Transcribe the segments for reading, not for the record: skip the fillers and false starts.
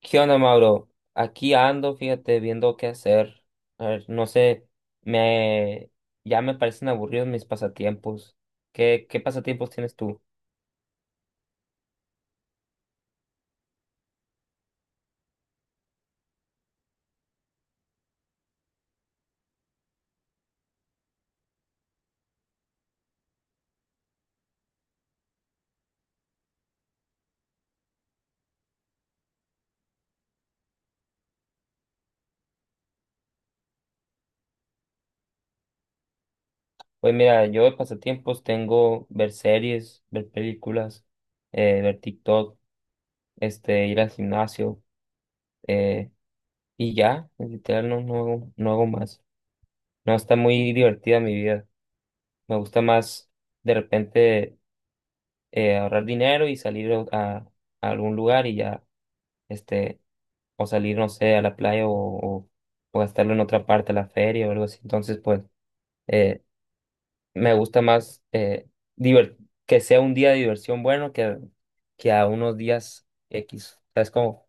¿Qué onda, Mauro? Aquí ando, fíjate, viendo qué hacer. A ver, no sé, me ya me parecen aburridos mis pasatiempos. ¿Qué pasatiempos tienes tú? Pues mira, yo de pasatiempos tengo ver series, ver películas, ver TikTok, este, ir al gimnasio, eh, y ya, literal, no hago más. No, está muy divertida mi vida. Me gusta más de repente ahorrar dinero y salir a algún lugar y ya, este, o salir, no sé, a la playa o, o gastarlo en otra parte, a la feria o algo así. Entonces, pues, eh, me gusta más diver- que sea un día de diversión bueno que a unos días X. O sea, es como,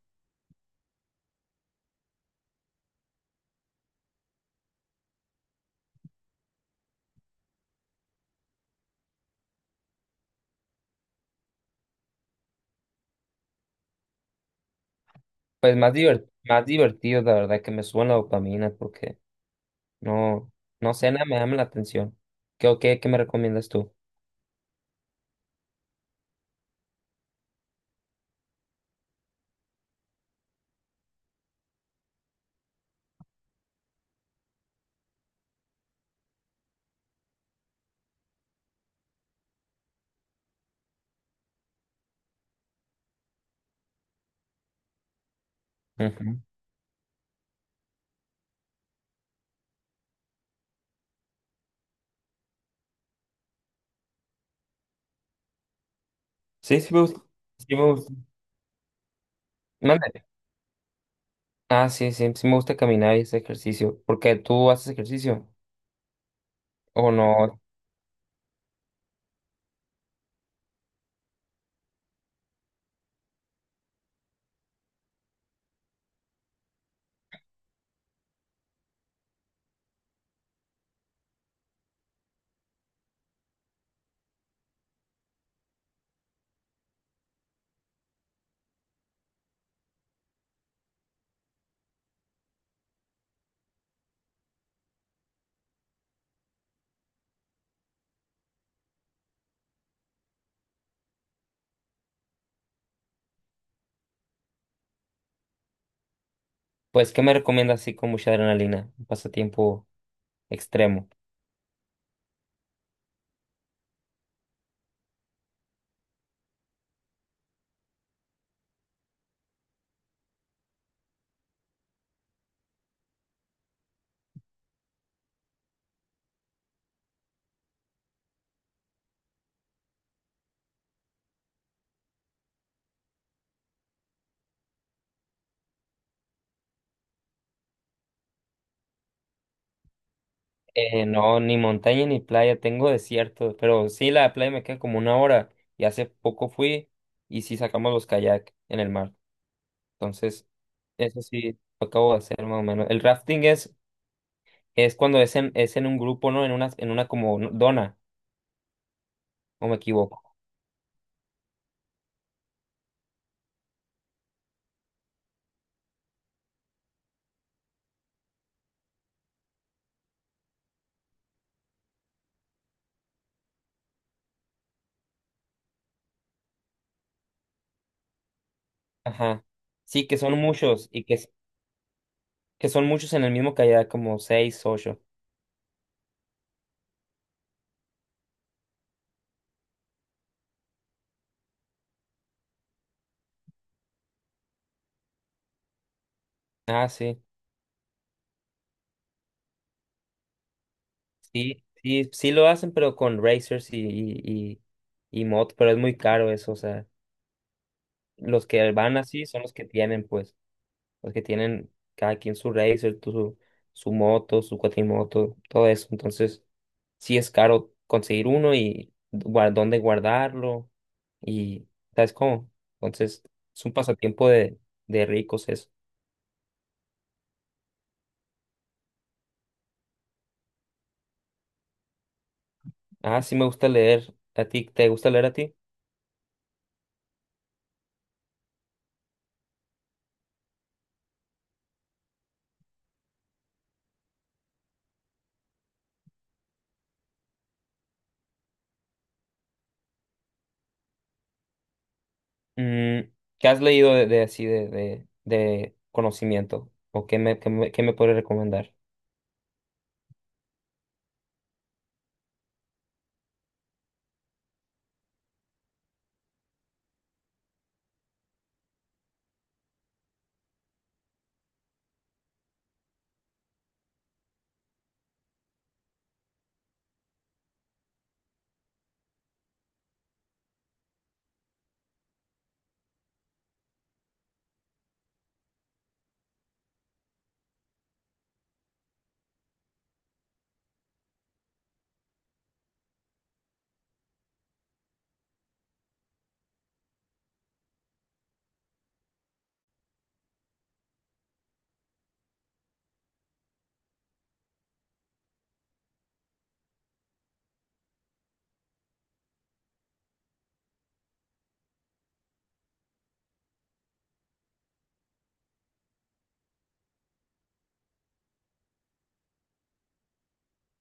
pues, más más divertido, la verdad, que me suban la dopamina porque no, no sé, nada me llama la atención. ¿O qué me recomiendas tú? Ujú. Sí, sí me gusta. Sí me gusta. Mande. Ah, sí, sí, sí me gusta caminar y ese ejercicio. ¿Porque tú haces ejercicio o no? Pues, ¿qué me recomiendas así con mucha adrenalina? Un pasatiempo extremo. No, ni montaña ni playa, tengo desierto, pero sí, la playa me queda como una hora y hace poco fui y sí sacamos los kayak en el mar. Entonces, eso sí, lo acabo de hacer más o menos. El rafting es cuando es en un grupo, ¿no? En una como dona, o me equivoco. Ajá. Sí, que son muchos en el mismo kayak, como 6, 8. Ah, sí. Sí, sí, sí lo hacen, pero con racers y motos, pero es muy caro eso, o sea, los que van así son los que tienen, pues, los que tienen cada quien su racer, su moto, su cuatrimoto, todo eso, entonces sí es caro conseguir uno y dónde guardarlo y, ¿sabes cómo? Entonces es un pasatiempo de ricos eso. Ah, sí me gusta leer, ¿a ti te gusta leer a ti? Mm, ¿qué has leído de así de conocimiento? ¿O qué qué me puedes recomendar?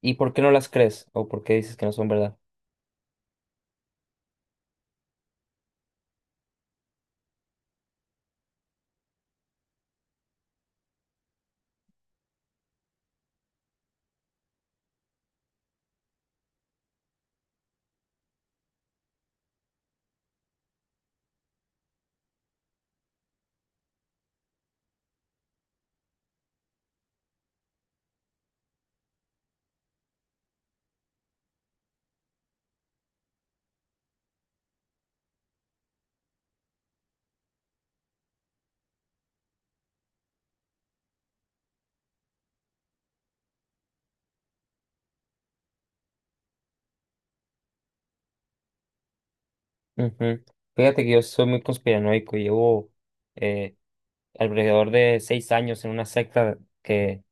¿Y por qué no las crees? ¿O por qué dices que no son verdad? Ujú. Fíjate que yo soy muy conspiranoico y llevo, eh, alrededor de 6 años, en una secta que,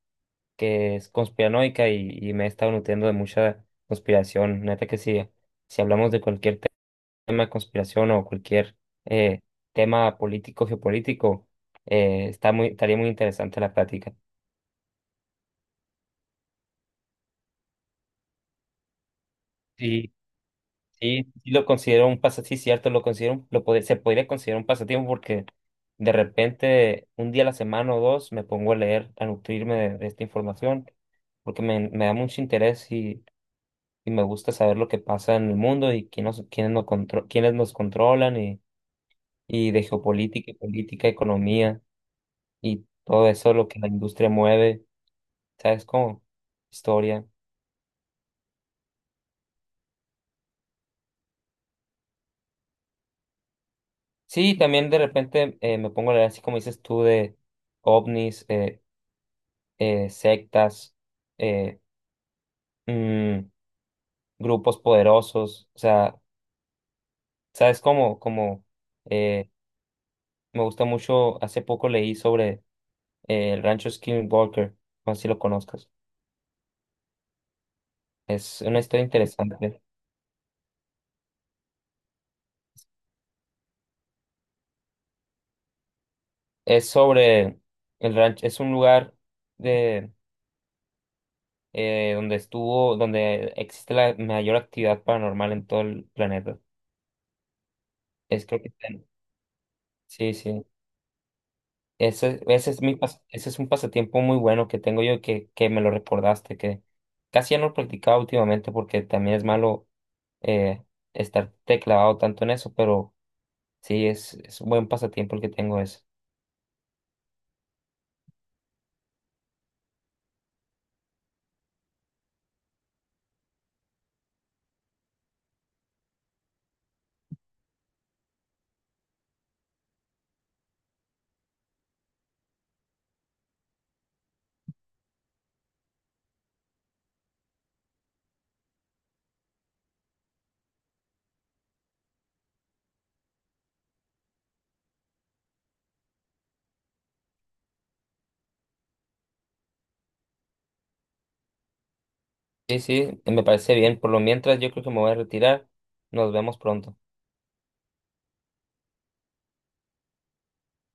que es conspiranoica y me he estado nutriendo de mucha conspiración. Neta que sí, si hablamos de cualquier tema de conspiración o cualquier eh, tema político, geopolítico, está muy, estaría muy interesante la plática. Sí, sí, sí lo considero un pasatiempo, sí, cierto, lo considero, se podría considerar un pasatiempo porque de repente un día a la semana o dos me pongo a leer, a nutrirme de esta información, porque me da mucho interés y me gusta saber lo que pasa en el mundo y quiénes nos, quiénes nos controlan y de geopolítica, política, economía y todo eso, lo que la industria mueve, ¿sabes cómo? Historia. Sí, también de repente me pongo a leer, así como dices tú, de ovnis, sectas, eh, mm, grupos poderosos. O sea, ¿sabes cómo? Como eh, me gusta mucho, hace poco leí sobre el rancho Skinwalker, no sé si lo conozcas. Es una historia interesante. Es sobre el rancho, es un lugar de donde existe la mayor actividad paranormal en todo el planeta. Es creo que está en- sí, sí. Ese es un pasatiempo muy bueno que tengo yo y que me lo recordaste, que casi ya no lo practicaba últimamente porque también es malo eh, estar teclado tanto en eso, pero sí, es un buen pasatiempo el que tengo ese. Sí, sí, me parece bien. Por lo mientras, yo creo que me voy a retirar. Nos vemos pronto.